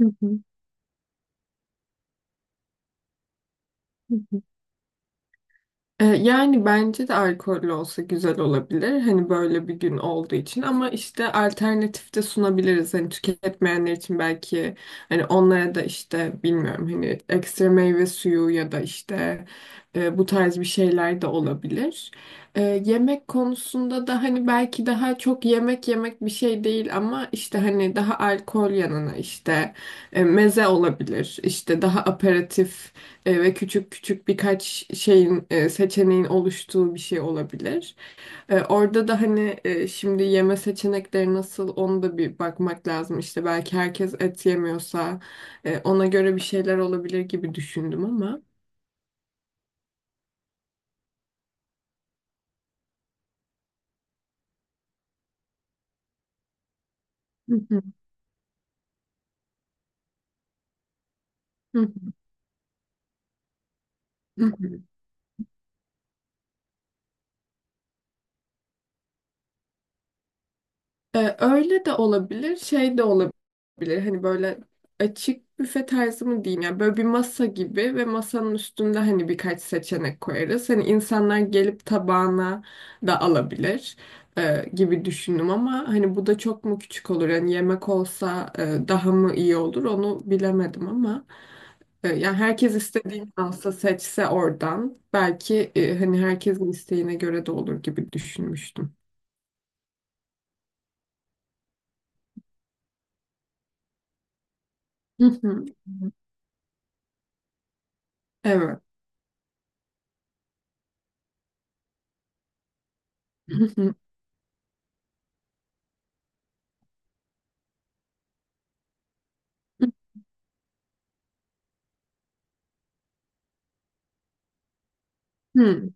Hı hı, hı hı. Yani bence de alkollü olsa güzel olabilir. Hani böyle bir gün olduğu için ama işte alternatif de sunabiliriz. Hani tüketmeyenler için belki hani onlara da işte bilmiyorum hani ekstra meyve suyu ya da işte bu tarz bir şeyler de olabilir. Yemek konusunda da hani belki daha çok yemek yemek bir şey değil ama işte hani daha alkol yanına işte meze olabilir. İşte daha aperatif ve küçük küçük birkaç şeyin seçeneğin oluştuğu bir şey olabilir. Orada da hani şimdi yeme seçenekleri nasıl onu da bir bakmak lazım. İşte belki herkes et yemiyorsa ona göre bir şeyler olabilir gibi düşündüm ama. Hı hı, hı hı. Öyle de olabilir, şey de olabilir. Hani böyle açık büfe tarzı mı diyeyim, yani böyle bir masa gibi ve masanın üstünde hani birkaç seçenek koyarız. Hani insanlar gelip tabağına da alabilir gibi düşündüm ama hani bu da çok mu küçük olur? Yani yemek olsa daha mı iyi olur onu bilemedim ama yani herkes istediğini alsa seçse oradan belki hani herkesin isteğine göre de olur gibi düşünmüştüm. Hı hı. Evet. Hı hı,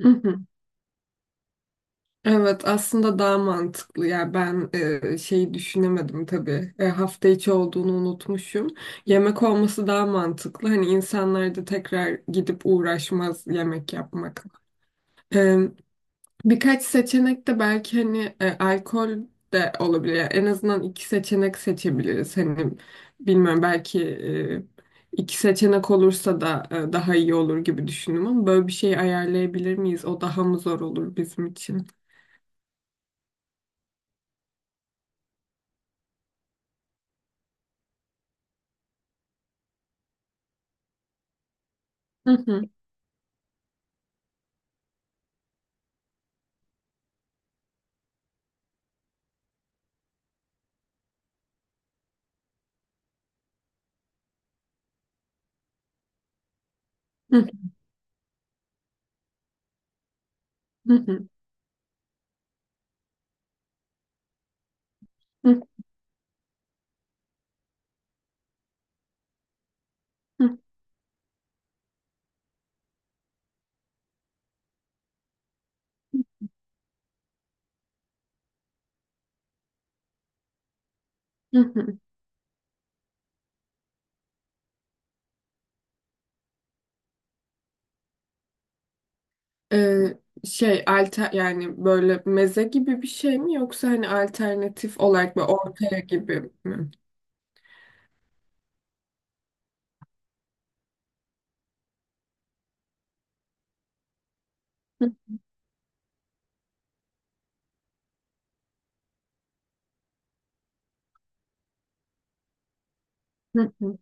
hı hı. Evet, aslında daha mantıklı. Yani ben şeyi düşünemedim tabii. Hafta içi olduğunu unutmuşum. Yemek olması daha mantıklı, hani insanlar da tekrar gidip uğraşmaz yemek yapmakla. Birkaç seçenek de belki hani alkol de olabilir. Yani en azından iki seçenek seçebiliriz. Hani bilmiyorum, belki iki seçenek olursa da daha iyi olur gibi düşündüm ama böyle bir şey ayarlayabilir miyiz? O daha mı zor olur bizim için? Hı hı, hı hı, hı hı, hı hı. Ee, şey alter, yani böyle meze gibi bir şey mi yoksa hani alternatif olarak böyle ortaya gibi mi? Hı hı.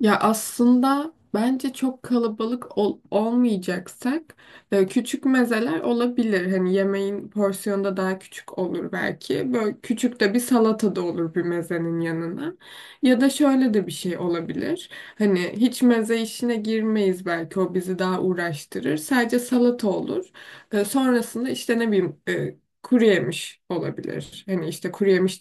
Ya aslında bence çok kalabalık olmayacaksak küçük mezeler olabilir. Hani yemeğin porsiyonu da daha küçük olur belki. Böyle küçük de bir salata da olur bir mezenin yanına. Ya da şöyle de bir şey olabilir. Hani hiç meze işine girmeyiz, belki o bizi daha uğraştırır. Sadece salata olur. Sonrasında işte ne bileyim kuru yemiş olabilir. Hani işte kuru yemiş,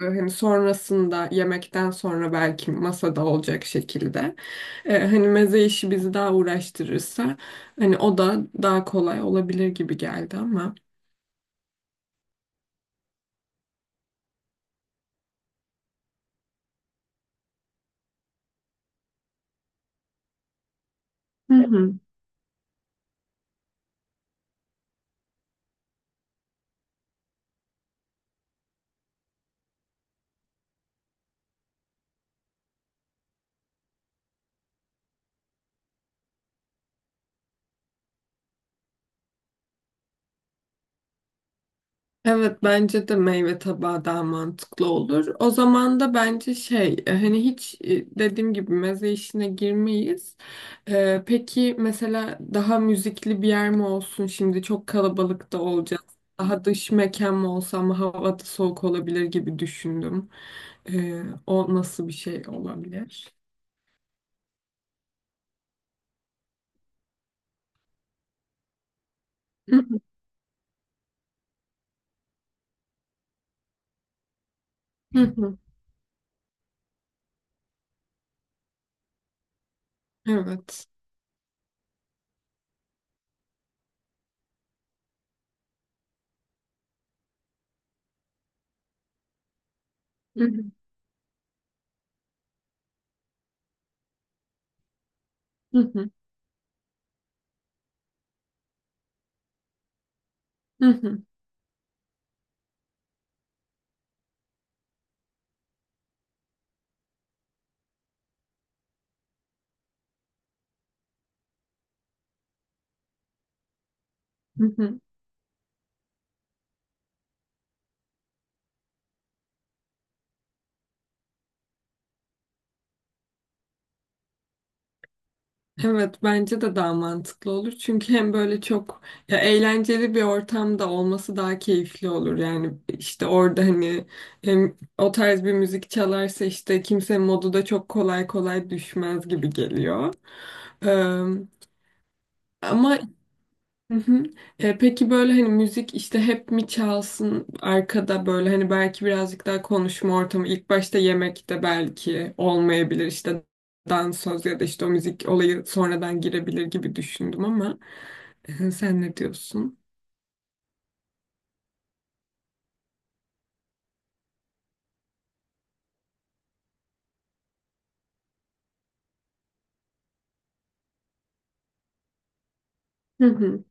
hani sonrasında yemekten sonra belki masada olacak şekilde. Hani meze işi bizi daha uğraştırırsa hani o da daha kolay olabilir gibi geldi ama. Hı hı. Evet, bence de meyve tabağı daha mantıklı olur. O zaman da bence şey, hani hiç, dediğim gibi meze işine girmeyiz. Peki mesela daha müzikli bir yer mi olsun? Şimdi çok kalabalık da olacağız. Daha dış mekan mı olsa ama hava da soğuk olabilir gibi düşündüm. O nasıl bir şey olabilir? Evet. Evet, bence de daha mantıklı olur. Çünkü hem böyle çok, ya, eğlenceli bir ortamda olması daha keyifli olur. Yani işte orada hani hem o tarz bir müzik çalarsa işte kimse modu da çok kolay kolay düşmez gibi geliyor. Ee, ama. Hı hı. Peki böyle hani müzik işte hep mi çalsın arkada, böyle hani belki birazcık daha konuşma ortamı ilk başta yemekte belki olmayabilir, işte dans söz ya da işte o müzik olayı sonradan girebilir gibi düşündüm ama sen ne diyorsun? Hı hı.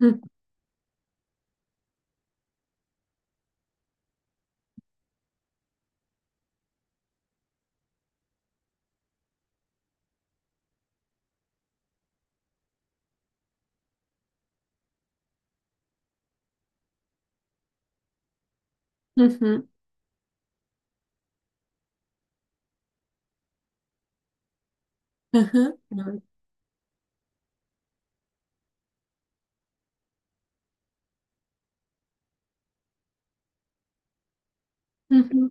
Hı hı. Hı hı. Hı hı. Evet. Hı hı.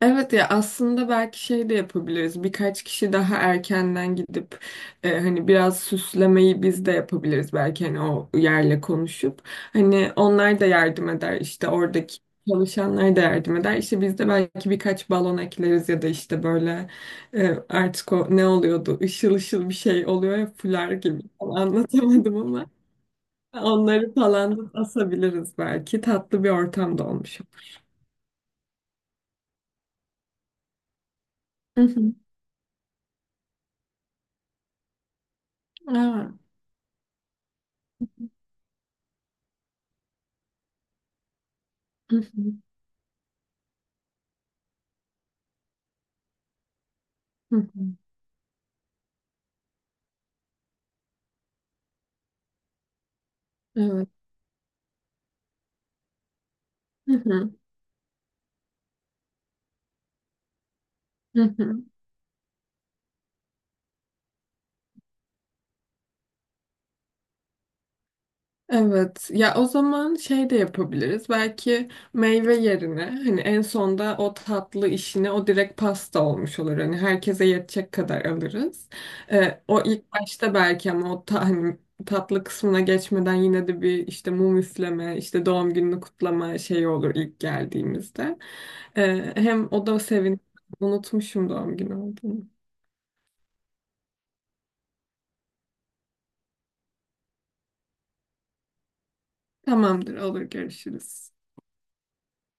Evet, ya aslında belki şey de yapabiliriz. Birkaç kişi daha erkenden gidip hani biraz süslemeyi biz de yapabiliriz belki, hani o yerle konuşup. Hani onlar da yardım eder, işte oradaki çalışanlar da yardım eder. İşte biz de belki birkaç balon ekleriz ya da işte böyle artık o ne oluyordu? Işıl ışıl bir şey oluyor ya, fular gibi. Tam anlatamadım ama onları falan da asabiliriz belki. Tatlı bir ortam da olmuş. Hı hı. Evet. Hı hı. Hı hı. Evet. Hı hı, hı hı. Evet. Ya o zaman şey de yapabiliriz. Belki meyve yerine hani en sonda o tatlı işine, o direkt pasta olmuş olur. Hani herkese yetecek kadar alırız. O ilk başta belki ama o hani tatlı kısmına geçmeden yine de bir işte mum üfleme, işte doğum gününü kutlama şeyi olur ilk geldiğimizde. Hem o da unutmuşum doğum günü olduğunu. Tamamdır, olur, görüşürüz.